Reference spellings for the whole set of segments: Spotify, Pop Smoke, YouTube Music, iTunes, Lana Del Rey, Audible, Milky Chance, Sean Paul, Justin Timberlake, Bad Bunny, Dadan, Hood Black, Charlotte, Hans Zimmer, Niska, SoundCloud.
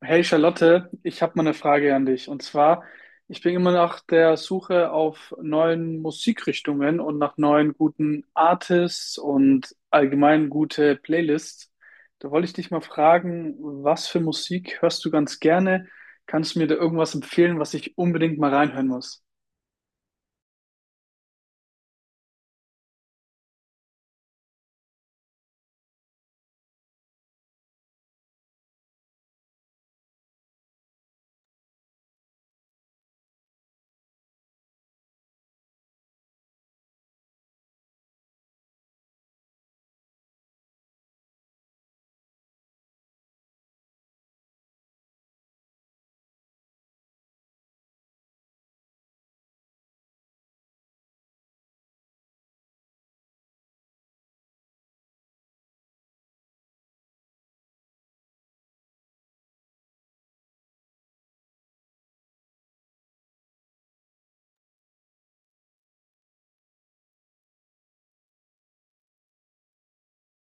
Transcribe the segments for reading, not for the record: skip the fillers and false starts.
Hey Charlotte, ich habe mal eine Frage an dich. Und zwar, ich bin immer nach der Suche auf neuen Musikrichtungen und nach neuen guten Artists und allgemein gute Playlists. Da wollte ich dich mal fragen, was für Musik hörst du ganz gerne? Kannst du mir da irgendwas empfehlen, was ich unbedingt mal reinhören muss?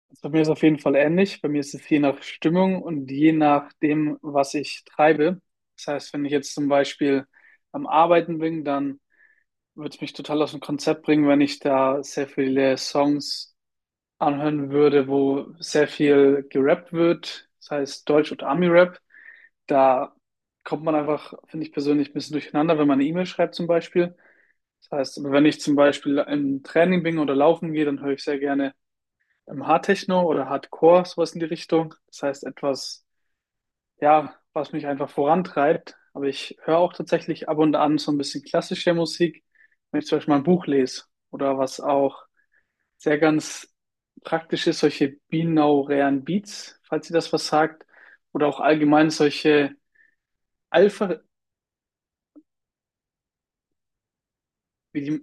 Also bei mir ist es auf jeden Fall ähnlich. Bei mir ist es je nach Stimmung und je nach dem, was ich treibe. Das heißt, wenn ich jetzt zum Beispiel am Arbeiten bin, dann würde mich total aus dem Konzept bringen, wenn ich da sehr viele Songs anhören würde, wo sehr viel gerappt wird, das heißt Deutsch- und Ami-Rap. Da kommt man einfach, finde ich persönlich, ein bisschen durcheinander, wenn man eine E-Mail schreibt zum Beispiel. Das heißt, wenn ich zum Beispiel im Training bin oder laufen gehe, dann höre ich sehr gerne im Hardtechno oder Hardcore, sowas in die Richtung. Das heißt, etwas, ja, was mich einfach vorantreibt. Aber ich höre auch tatsächlich ab und an so ein bisschen klassische Musik, wenn ich zum Beispiel mal ein Buch lese oder was auch sehr ganz praktisch ist, solche binaurären Beats, falls ihr das was sagt, oder auch allgemein solche Alpha, wie die,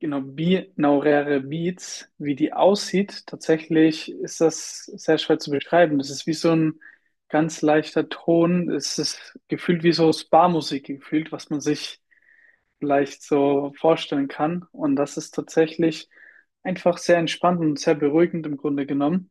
genau, binauräre Beats, wie die aussieht, tatsächlich ist das sehr schwer zu beschreiben. Das ist wie so ein ganz leichter Ton. Es ist gefühlt wie so Spa-Musik gefühlt, was man sich vielleicht so vorstellen kann. Und das ist tatsächlich einfach sehr entspannt und sehr beruhigend im Grunde genommen.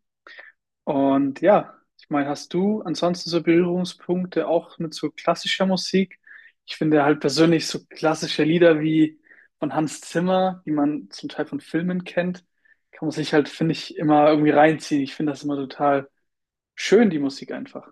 Und ja, ich meine, hast du ansonsten so Berührungspunkte auch mit so klassischer Musik? Ich finde halt persönlich so klassische Lieder wie von Hans Zimmer, die man zum Teil von Filmen kennt, kann man sich halt, finde ich, immer irgendwie reinziehen. Ich finde das immer total schön, die Musik einfach.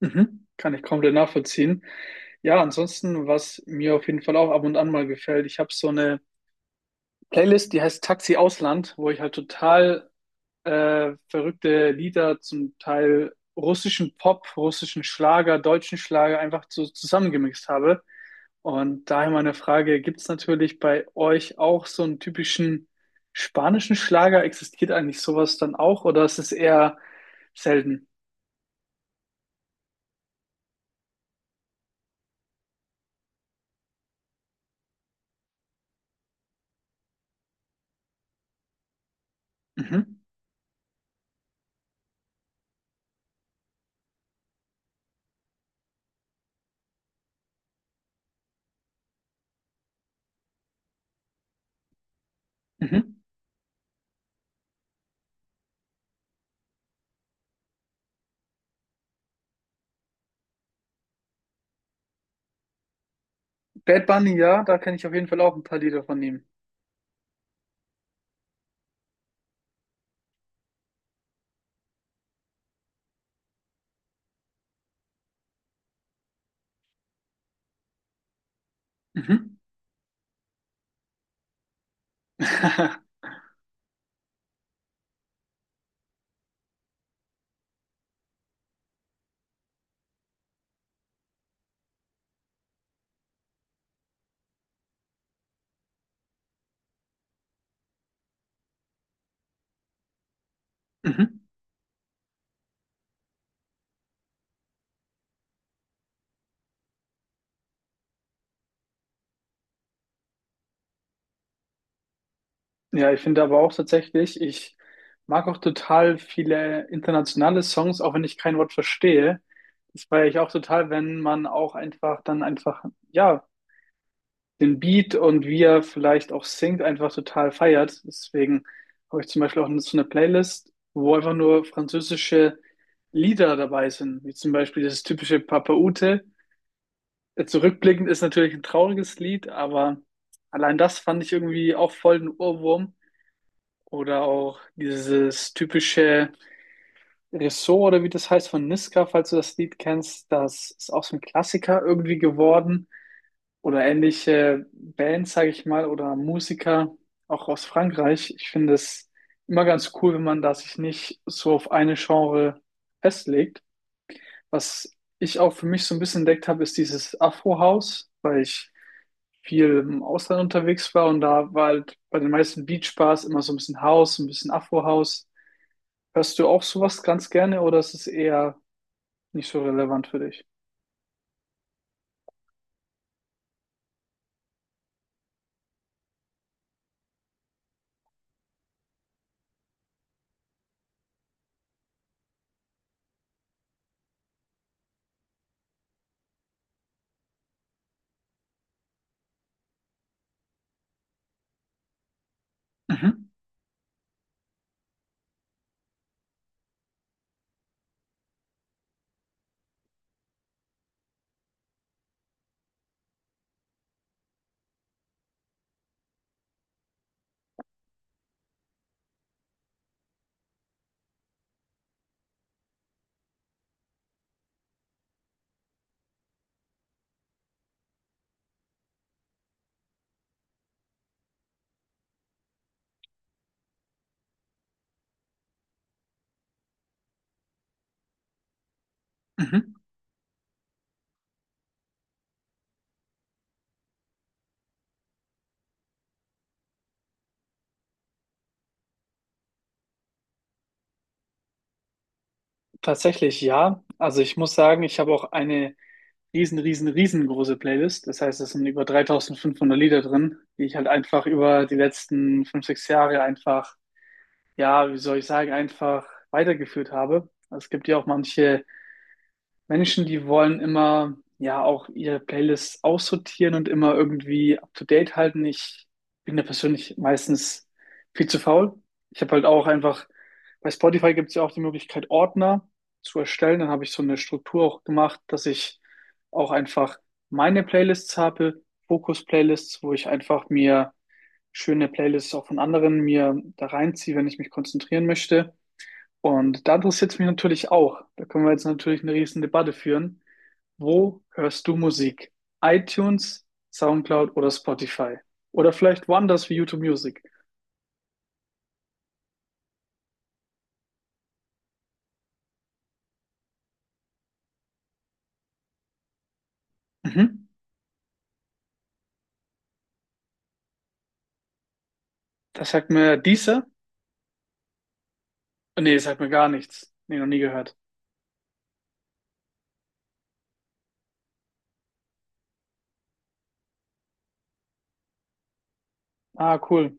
Mhm. Kann ich komplett nachvollziehen. Ja, ansonsten, was mir auf jeden Fall auch ab und an mal gefällt, ich habe so eine Playlist, die heißt Taxi Ausland, wo ich halt total verrückte Lieder, zum Teil russischen Pop, russischen Schlager, deutschen Schlager einfach so zusammengemixt habe. Und daher meine Frage, gibt es natürlich bei euch auch so einen typischen spanischen Schlager? Existiert eigentlich sowas dann auch oder ist es eher selten? Mhm. Mhm. Bad Bunny, ja, da kenne ich auf jeden Fall auch ein paar Lieder von ihm. Mhm. Mhm. Ja, ich finde aber auch tatsächlich, ich mag auch total viele internationale Songs, auch wenn ich kein Wort verstehe. Das feiere ich auch total, wenn man auch einfach dann einfach, ja, den Beat und wie er vielleicht auch singt, einfach total feiert. Deswegen habe ich zum Beispiel auch so eine Playlist, wo einfach nur französische Lieder dabei sind, wie zum Beispiel dieses typische Papa Ute. Zurückblickend ist natürlich ein trauriges Lied, aber allein das fand ich irgendwie auch voll ein Ohrwurm. Oder auch dieses typische Ressort oder wie das heißt von Niska, falls du das Lied kennst, das ist auch so ein Klassiker irgendwie geworden. Oder ähnliche Bands, sage ich mal, oder Musiker, auch aus Frankreich. Ich finde es immer ganz cool, wenn man da sich nicht so auf eine Genre festlegt. Was ich auch für mich so ein bisschen entdeckt habe, ist dieses Afro-House, weil ich viel im Ausland unterwegs war und da war halt bei den meisten Beach-Bars immer so ein bisschen House, ein bisschen Afro-House. Hörst du auch sowas ganz gerne oder ist es eher nicht so relevant für dich? Mhm. Mhm. Tatsächlich ja. Also ich muss sagen, ich habe auch eine riesen, riesen, riesengroße Playlist. Das heißt, es sind über 3500 Lieder drin, die ich halt einfach über die letzten fünf, sechs Jahre einfach, ja, wie soll ich sagen, einfach weitergeführt habe. Also es gibt ja auch manche Menschen, die wollen immer ja auch ihre Playlists aussortieren und immer irgendwie up to date halten. Ich bin da persönlich meistens viel zu faul. Ich habe halt auch einfach, bei Spotify gibt es ja auch die Möglichkeit, Ordner zu erstellen. Dann habe ich so eine Struktur auch gemacht, dass ich auch einfach meine Playlists habe, Fokus-Playlists, wo ich einfach mir schöne Playlists auch von anderen mir da reinziehe, wenn ich mich konzentrieren möchte. Und da interessiert es mich natürlich auch. Da können wir jetzt natürlich eine riesen Debatte führen. Wo hörst du Musik? iTunes, SoundCloud oder Spotify? Oder vielleicht woanders wie YouTube Music? Mhm. Das sagt mir dieser? Nee, das sagt mir gar nichts. Nee, noch nie gehört. Ah, cool.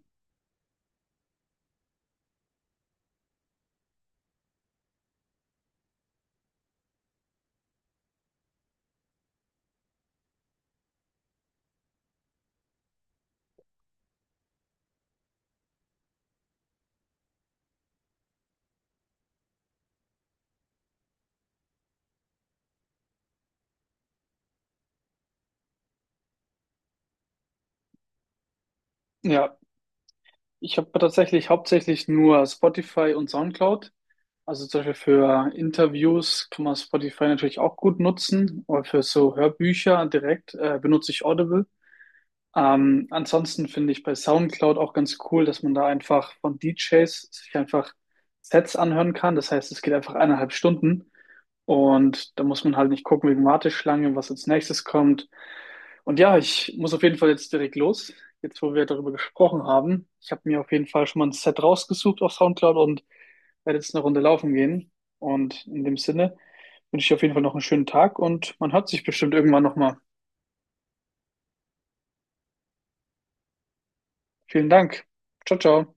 Ja, ich habe tatsächlich hauptsächlich nur Spotify und SoundCloud. Also zum Beispiel für Interviews kann man Spotify natürlich auch gut nutzen, aber für so Hörbücher direkt benutze ich Audible. Ansonsten finde ich bei SoundCloud auch ganz cool, dass man da einfach von DJs sich einfach Sets anhören kann. Das heißt, es geht einfach eineinhalb Stunden und da muss man halt nicht gucken wegen Warteschlange, was als nächstes kommt. Und ja, ich muss auf jeden Fall jetzt direkt los, jetzt wo wir darüber gesprochen haben. Ich habe mir auf jeden Fall schon mal ein Set rausgesucht auf SoundCloud und werde jetzt eine Runde laufen gehen. Und in dem Sinne wünsche ich auf jeden Fall noch einen schönen Tag und man hört sich bestimmt irgendwann nochmal. Vielen Dank. Ciao, ciao.